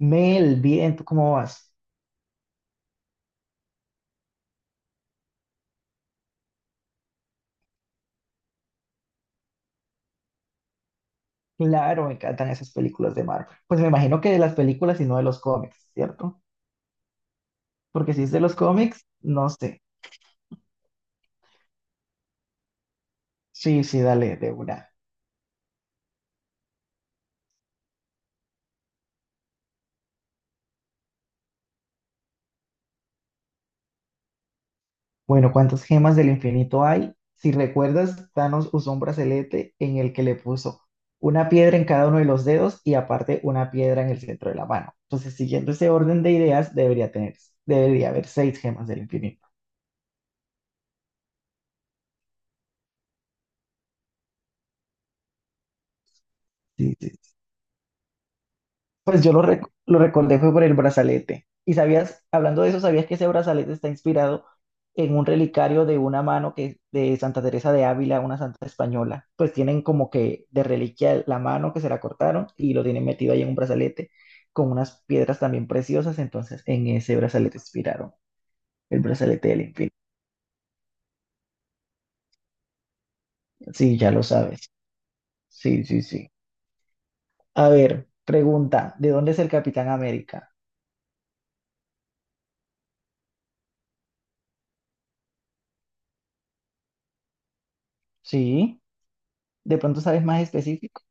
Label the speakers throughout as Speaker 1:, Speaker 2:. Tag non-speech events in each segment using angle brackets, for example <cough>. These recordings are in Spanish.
Speaker 1: Mel, bien, ¿tú cómo vas? Claro, me encantan esas películas de Marvel. Pues me imagino que de las películas y no de los cómics, ¿cierto? Porque si es de los cómics, no sé. Sí, sí, dale, de una. Bueno, ¿cuántas gemas del infinito hay? Si recuerdas, Thanos usó un brazalete en el que le puso una piedra en cada uno de los dedos y aparte una piedra en el centro de la mano. Entonces, siguiendo ese orden de ideas, debería tener, debería haber seis gemas del infinito. Sí, sí, pues yo lo recordé fue por el brazalete. Y sabías, hablando de eso, sabías que ese brazalete está inspirado en un relicario de una mano que de Santa Teresa de Ávila, una santa española. Pues tienen como que de reliquia la mano que se la cortaron y lo tienen metido ahí en un brazalete con unas piedras también preciosas. Entonces, en ese brazalete inspiraron el brazalete del infinito. Sí, ya lo sabes. Sí, sí, sí. A ver, pregunta, ¿de dónde es el Capitán América? Sí, de pronto sabes más específico.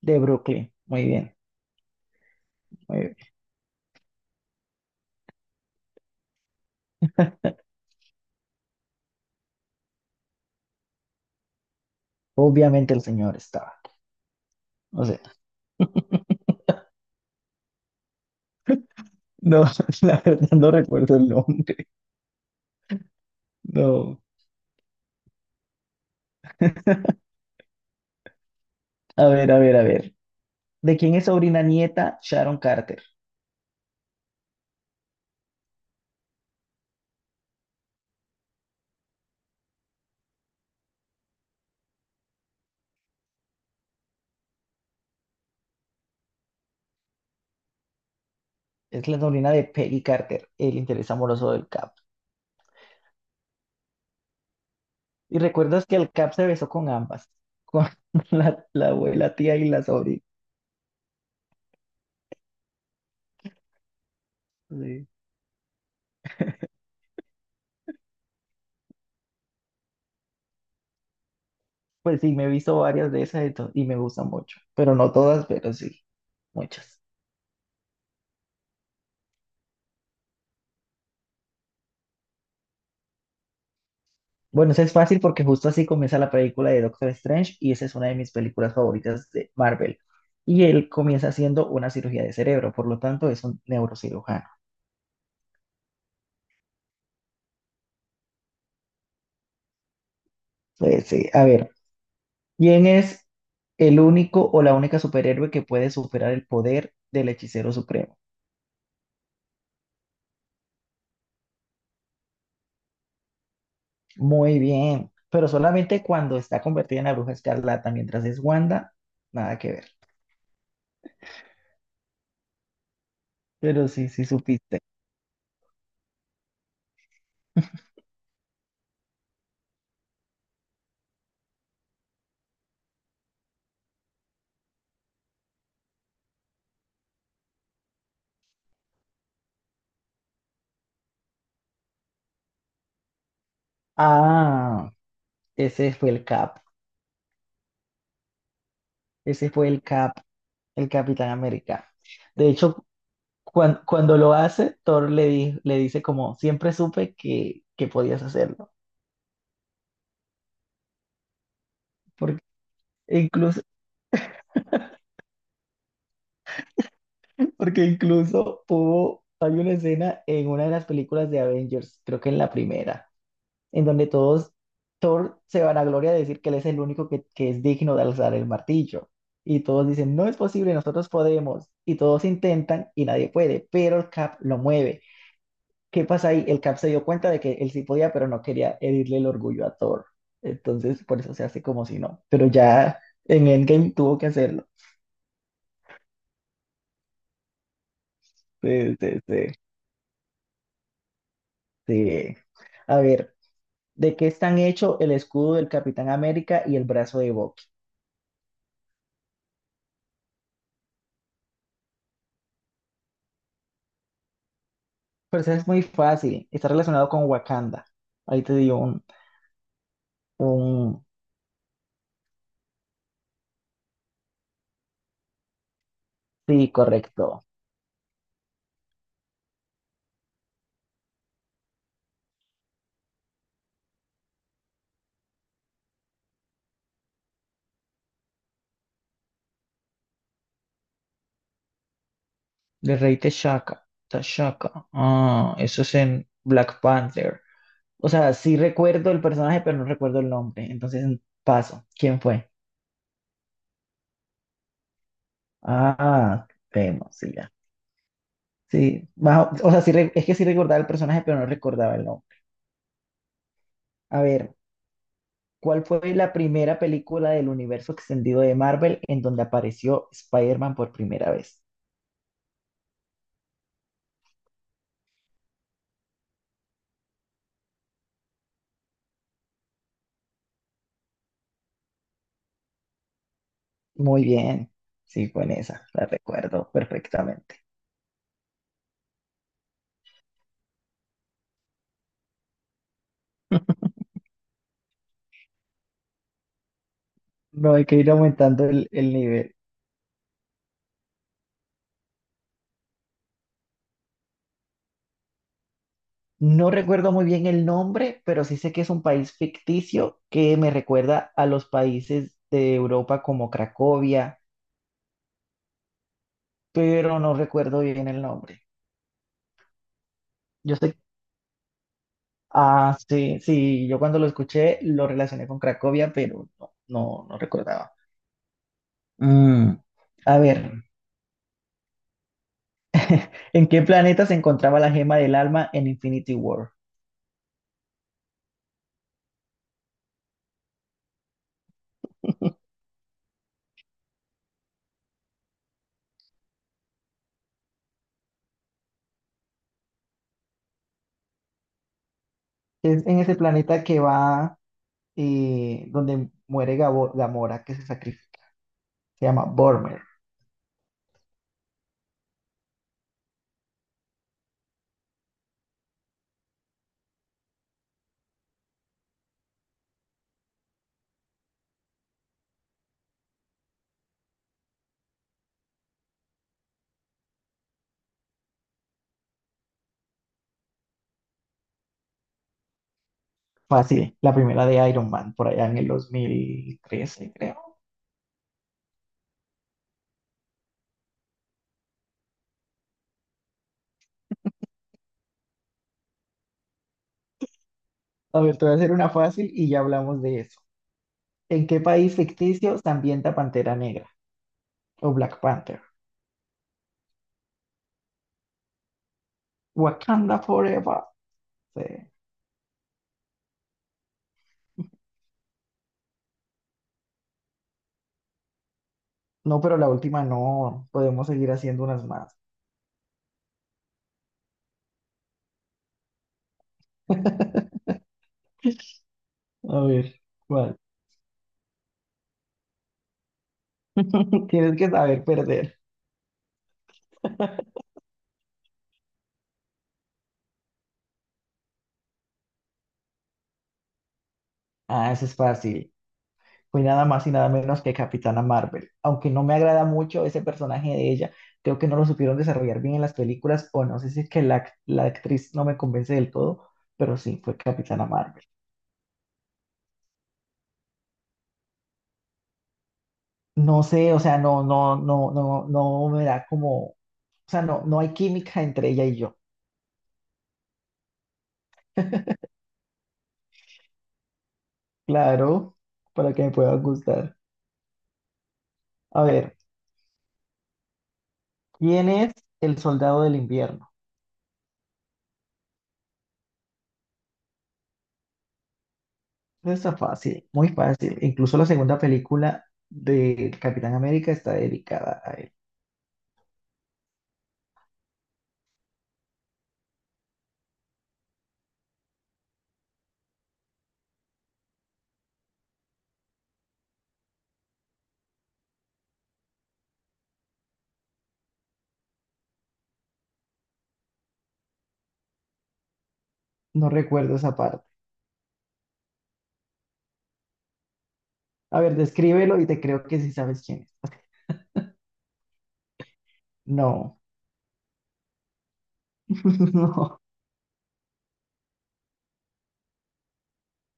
Speaker 1: De Brooklyn. Muy bien. Muy bien. Obviamente el señor estaba. O sea, no, <laughs> la verdad no recuerdo el nombre. No. A ver, a ver, a ver. ¿De quién es sobrina nieta Sharon Carter? Es la sobrina de Peggy Carter, el interés amoroso del Cap. Y recuerdas que el Cap se besó con ambas, con <laughs> la abuela, tía y la sobrina. Sí. Pues sí, me he visto varias de esas y me gustan mucho. Pero no todas, pero sí, muchas. Bueno, eso es fácil porque justo así comienza la película de Doctor Strange y esa es una de mis películas favoritas de Marvel. Y él comienza haciendo una cirugía de cerebro, por lo tanto es un neurocirujano. Pues, sí, a ver, ¿quién es el único o la única superhéroe que puede superar el poder del hechicero supremo? Muy bien, pero solamente cuando está convertida en la bruja escarlata, mientras es Wanda, nada que ver. Pero sí, sí supiste. <laughs> Ah, ese fue el Cap. Ese fue el Cap, el Capitán América. De hecho, cuando lo hace, Thor le dice como, siempre supe que podías hacerlo. Porque incluso, porque incluso, hay una escena en una de las películas de Avengers, creo que en la primera, en donde todos, Thor se vanagloria de decir que él es el único que es digno de alzar el martillo. Y todos dicen, no es posible, nosotros podemos. Y todos intentan y nadie puede, pero el Cap lo mueve. ¿Qué pasa ahí? El Cap se dio cuenta de que él sí podía, pero no quería herirle el orgullo a Thor. Entonces, por eso se hace como si no. Pero ya en Endgame tuvo que hacerlo. Sí, sí, sí, sí. A ver, ¿de qué están hechos el escudo del Capitán América y el brazo de Bucky? Pero eso es muy fácil. Está relacionado con Wakanda. Ahí te dio un, un. Sí, correcto. De Rey T'Chaka. T'Chaka. Ah, eso es en Black Panther. O sea, sí recuerdo el personaje, pero no recuerdo el nombre. Entonces, paso. ¿Quién fue? Ah, Temo, sí, ya. Sí, más o sea, sí, es que sí recordaba el personaje, pero no recordaba el nombre. A ver, ¿cuál fue la primera película del universo extendido de Marvel en donde apareció Spider-Man por primera vez? Muy bien. Sí, fue en esa. La recuerdo perfectamente. <laughs> No, hay que ir aumentando el nivel. No recuerdo muy bien el nombre, pero sí sé que es un país ficticio que me recuerda a los países de Europa como Cracovia, pero no recuerdo bien el nombre. Yo sé, ah, sí, sí, yo cuando lo escuché lo relacioné con Cracovia, pero no, no, no recordaba. Mm, A ver, ¿en qué planeta se encontraba la gema del alma en Infinity War? Es en ese planeta que va, donde muere Gamora, que se sacrifica, se llama Bormer. Fácil, la primera de Iron Man, por allá en el 2013 creo. A ver, te voy a hacer una fácil y ya hablamos de eso. ¿En qué país ficticio se ambienta Pantera Negra o Black Panther? Wakanda Forever. Sí. No, pero la última no. Podemos seguir haciendo unas más. <laughs> A ver, ¿cuál? <laughs> Tienes que saber perder. <laughs> Ah, eso es fácil. Fue nada más y nada menos que Capitana Marvel. Aunque no me agrada mucho ese personaje de ella, creo que no lo supieron desarrollar bien en las películas, o no sé si es que la actriz no me convence del todo, pero sí, fue Capitana Marvel. No sé, o sea, no, no, no, no, no me da como, o sea, no, no hay química entre ella y yo. Claro, para que me pueda gustar. A ver, ¿quién es el soldado del invierno? Eso está fácil, muy fácil. Incluso la segunda película de Capitán América está dedicada a él. No recuerdo esa parte. A ver, descríbelo y te creo que sí sabes quién es. No, <laughs> no.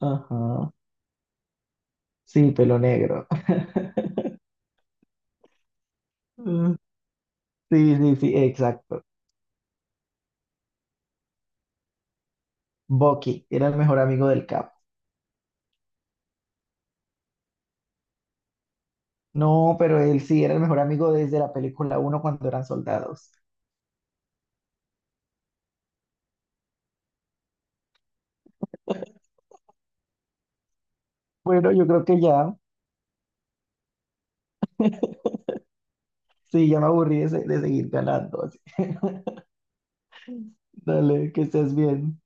Speaker 1: Ajá. Sí, pelo negro. <laughs> Mm. Sí, sí, sí, exacto. Bucky era el mejor amigo del Cap. No, pero él sí era el mejor amigo desde la película 1 cuando eran soldados. Bueno, yo creo que ya, sí, ya me aburrí de, de seguir ganando así. Dale, que estés bien.